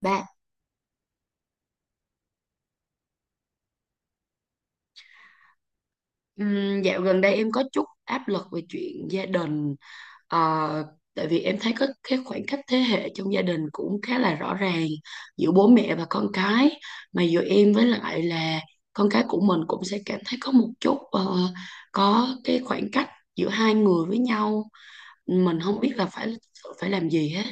Bạn, dạo gần đây em có chút áp lực về chuyện gia đình. Ờ, Tại vì em thấy có cái khoảng cách thế hệ trong gia đình cũng khá là rõ ràng giữa bố mẹ và con cái, mà giữa em với lại là con cái của mình cũng sẽ cảm thấy có một chút, có cái khoảng cách giữa hai người với nhau. Mình không biết là phải phải làm gì hết.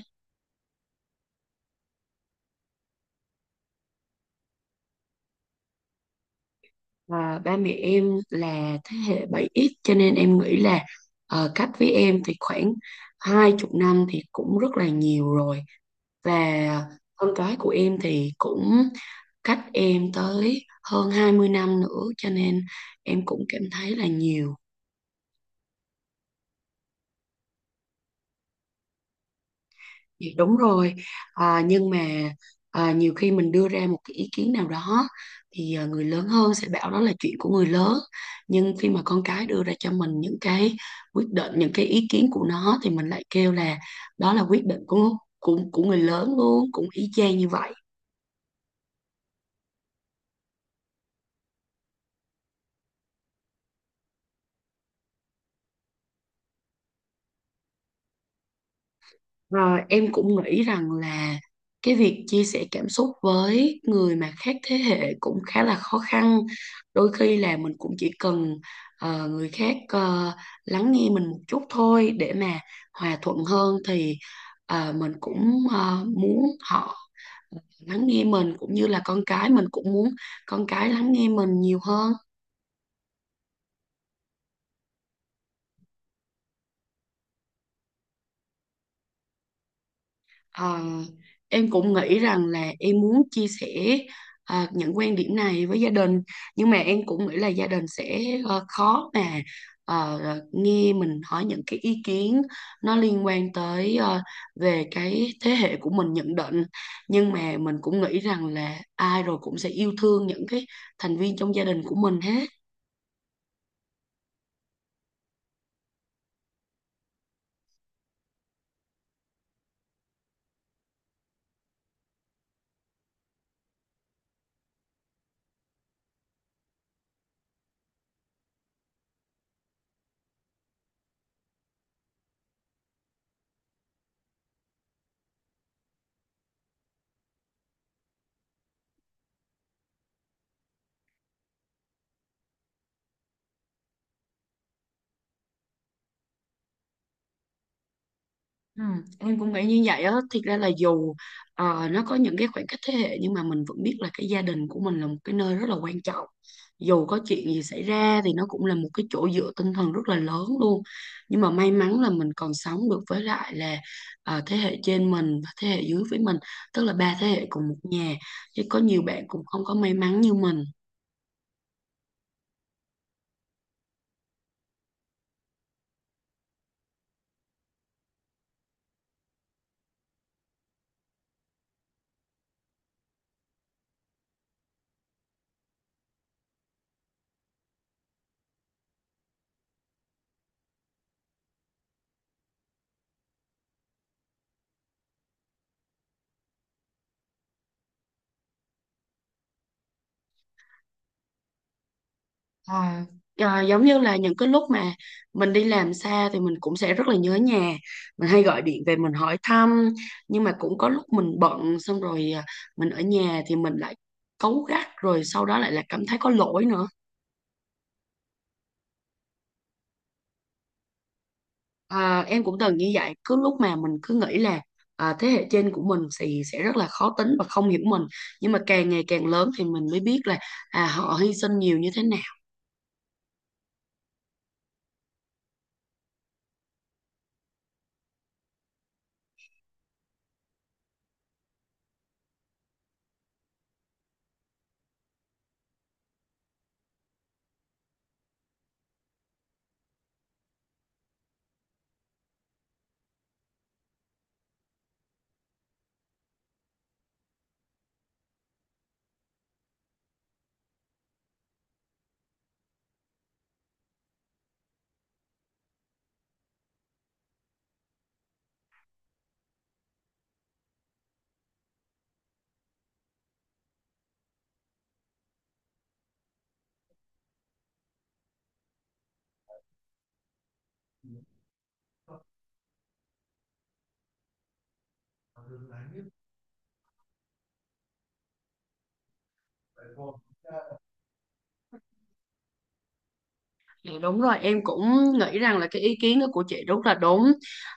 Và ba mẹ em là thế hệ 7X cho nên em nghĩ là, cách với em thì khoảng 20 năm thì cũng rất là nhiều rồi, và con cái của em thì cũng cách em tới hơn 20 năm nữa, cho nên em cũng cảm thấy là nhiều. Dạ, đúng rồi. À, nhưng mà à, nhiều khi mình đưa ra một cái ý kiến nào đó thì à, người lớn hơn sẽ bảo đó là chuyện của người lớn, nhưng khi mà con cái đưa ra cho mình những cái quyết định, những cái ý kiến của nó thì mình lại kêu là đó là quyết định của của người lớn luôn, cũng y chang như vậy. Rồi em cũng nghĩ rằng là cái việc chia sẻ cảm xúc với người mà khác thế hệ cũng khá là khó khăn. Đôi khi là mình cũng chỉ cần, người khác lắng nghe mình một chút thôi để mà hòa thuận hơn thì, mình cũng muốn họ lắng nghe mình, cũng như là con cái mình cũng muốn con cái lắng nghe mình nhiều hơn. Ờ, em cũng nghĩ rằng là em muốn chia sẻ những quan điểm này với gia đình, nhưng mà em cũng nghĩ là gia đình sẽ khó mà ờ, nghe mình hỏi những cái ý kiến nó liên quan tới về cái thế hệ của mình nhận định. Nhưng mà mình cũng nghĩ rằng là ai rồi cũng sẽ yêu thương những cái thành viên trong gia đình của mình hết. Ừ, em cũng nghĩ như vậy á. Thiệt ra là dù nó có những cái khoảng cách thế hệ, nhưng mà mình vẫn biết là cái gia đình của mình là một cái nơi rất là quan trọng. Dù có chuyện gì xảy ra thì nó cũng là một cái chỗ dựa tinh thần rất là lớn luôn. Nhưng mà may mắn là mình còn sống được với lại là thế hệ trên mình và thế hệ dưới với mình, tức là ba thế hệ cùng một nhà, chứ có nhiều bạn cũng không có may mắn như mình. À, à, giống như là những cái lúc mà mình đi làm xa thì mình cũng sẽ rất là nhớ nhà, mình hay gọi điện về mình hỏi thăm, nhưng mà cũng có lúc mình bận, xong rồi à, mình ở nhà thì mình lại cáu gắt, rồi sau đó lại là cảm thấy có lỗi nữa. À, em cũng từng như vậy. Cứ lúc mà mình cứ nghĩ là à, thế hệ trên của mình thì sẽ rất là khó tính và không hiểu mình, nhưng mà càng ngày càng lớn thì mình mới biết là à, họ hy sinh nhiều như thế nào. Dạ, đúng rồi, em cũng nghĩ rằng là cái ý kiến đó của chị rất là đúng.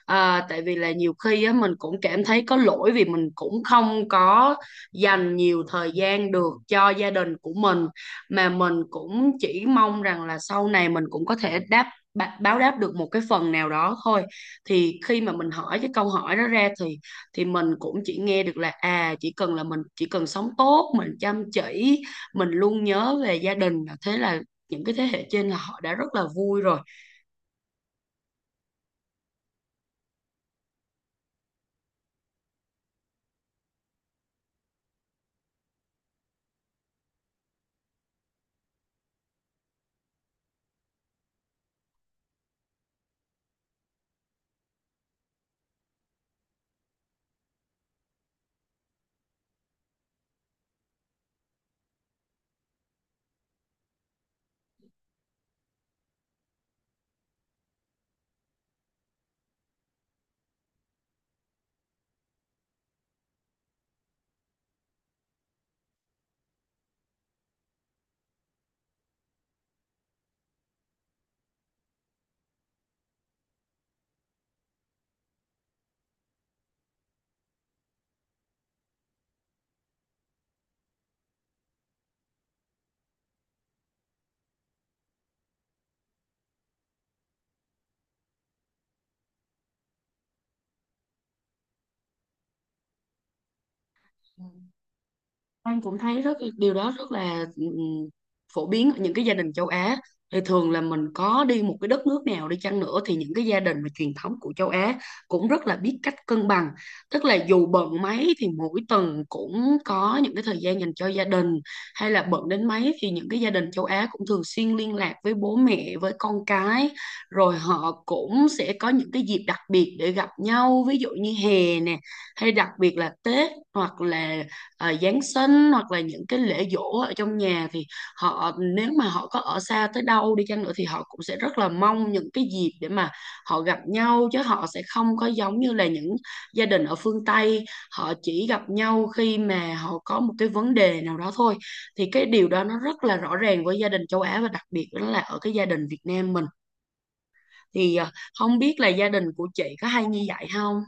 À, tại vì là nhiều khi á, mình cũng cảm thấy có lỗi vì mình cũng không có dành nhiều thời gian được cho gia đình của mình, mà mình cũng chỉ mong rằng là sau này mình cũng có thể báo đáp được một cái phần nào đó thôi. Thì khi mà mình hỏi cái câu hỏi đó ra thì mình cũng chỉ nghe được là à, chỉ cần là mình chỉ cần sống tốt, mình chăm chỉ, mình luôn nhớ về gia đình, thế là những cái thế hệ trên là họ đã rất là vui rồi. Anh cũng thấy rất điều đó rất là phổ biến ở những cái gia đình châu Á. Thì thường là mình có đi một cái đất nước nào đi chăng nữa thì những cái gia đình mà truyền thống của châu Á cũng rất là biết cách cân bằng. Tức là dù bận mấy thì mỗi tuần cũng có những cái thời gian dành cho gia đình, hay là bận đến mấy thì những cái gia đình châu Á cũng thường xuyên liên lạc với bố mẹ, với con cái. Rồi họ cũng sẽ có những cái dịp đặc biệt để gặp nhau, ví dụ như hè nè, hay đặc biệt là Tết, hoặc là Giáng sinh, hoặc là những cái lễ giỗ ở trong nhà, thì họ nếu mà họ có ở xa tới đâu đi chăng nữa thì họ cũng sẽ rất là mong những cái dịp để mà họ gặp nhau, chứ họ sẽ không có giống như là những gia đình ở phương Tây, họ chỉ gặp nhau khi mà họ có một cái vấn đề nào đó thôi. Thì cái điều đó nó rất là rõ ràng với gia đình châu Á, và đặc biệt đó là ở cái gia đình Việt Nam mình. Thì không biết là gia đình của chị có hay như vậy không?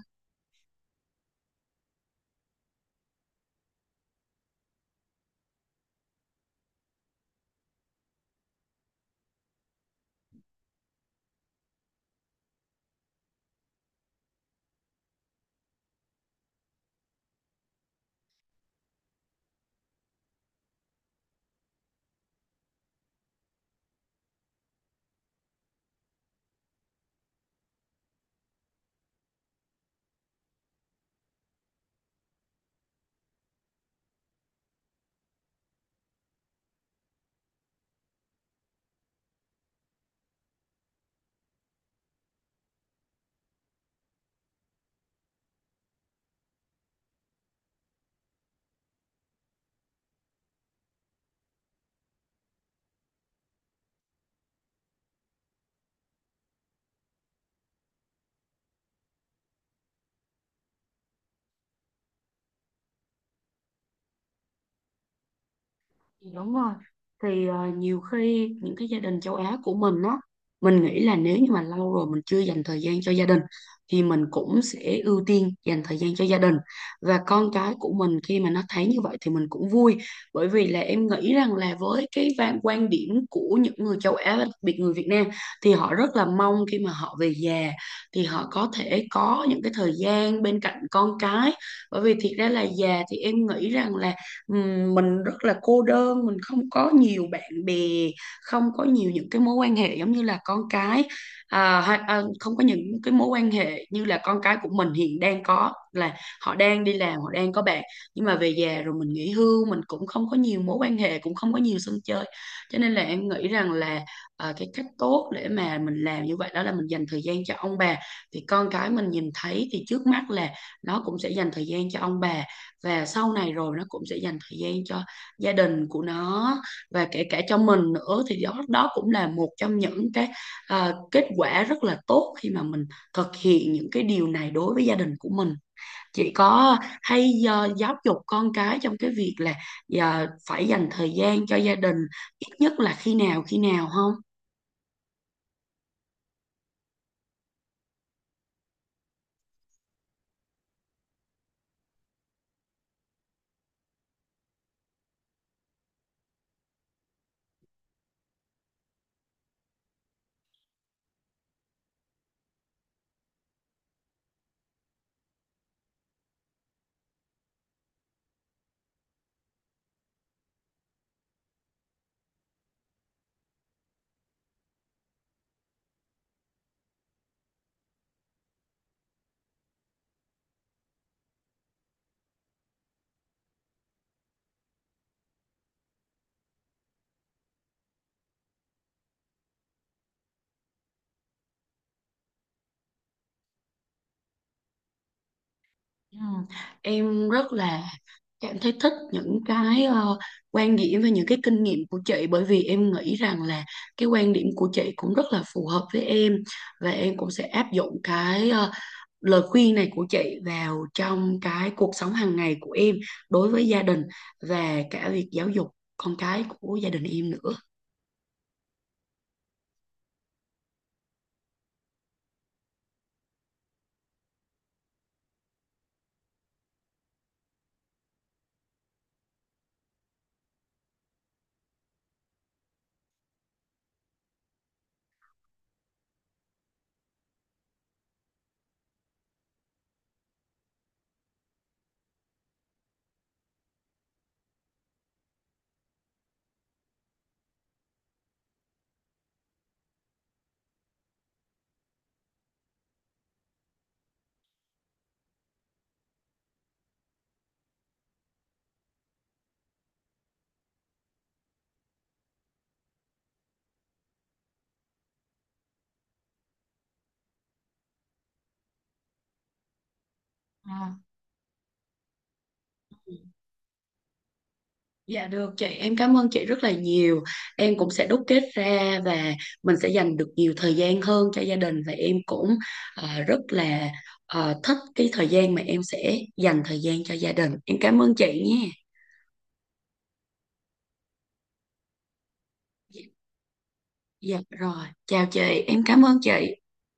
Dạ, đúng rồi. Thì nhiều khi những cái gia đình châu Á của mình á, mình nghĩ là nếu như mà lâu rồi mình chưa dành thời gian cho gia đình thì mình cũng sẽ ưu tiên dành thời gian cho gia đình. Và con cái của mình khi mà nó thấy như vậy thì mình cũng vui, bởi vì là em nghĩ rằng là với cái quan điểm của những người châu Á và đặc biệt người Việt Nam thì họ rất là mong khi mà họ về già thì họ có thể có những cái thời gian bên cạnh con cái. Bởi vì thiệt ra là già thì em nghĩ rằng là mình rất là cô đơn, mình không có nhiều bạn bè, không có nhiều những cái mối quan hệ giống như là con cái, à, hay, à, không có những cái mối quan hệ như là con cái của mình hiện đang có, là họ đang đi làm, họ đang có bạn, nhưng mà về già rồi mình nghỉ hưu mình cũng không có nhiều mối quan hệ, cũng không có nhiều sân chơi. Cho nên là em nghĩ rằng là à, cái cách tốt để mà mình làm như vậy đó là mình dành thời gian cho ông bà, thì con cái mình nhìn thấy thì trước mắt là nó cũng sẽ dành thời gian cho ông bà, và sau này rồi nó cũng sẽ dành thời gian cho gia đình của nó, và kể cả cho mình nữa, thì đó đó cũng là một trong những cái à, kết quả rất là tốt khi mà mình thực hiện những cái điều này đối với gia đình của mình. Chị có hay à, giáo dục con cái trong cái việc là à, phải dành thời gian cho gia đình ít nhất là khi nào không? Ừ. Em rất là Em thấy thích những cái quan điểm và những cái kinh nghiệm của chị, bởi vì em nghĩ rằng là cái quan điểm của chị cũng rất là phù hợp với em, và em cũng sẽ áp dụng cái lời khuyên này của chị vào trong cái cuộc sống hàng ngày của em đối với gia đình và cả việc giáo dục con cái của gia đình em nữa. Dạ được chị, em cảm ơn chị rất là nhiều. Em cũng sẽ đúc kết ra và mình sẽ dành được nhiều thời gian hơn cho gia đình, và em cũng rất là thích cái thời gian mà em sẽ dành thời gian cho gia đình. Em cảm ơn chị nha. Dạ, dạ, rồi, chào chị, em cảm ơn chị.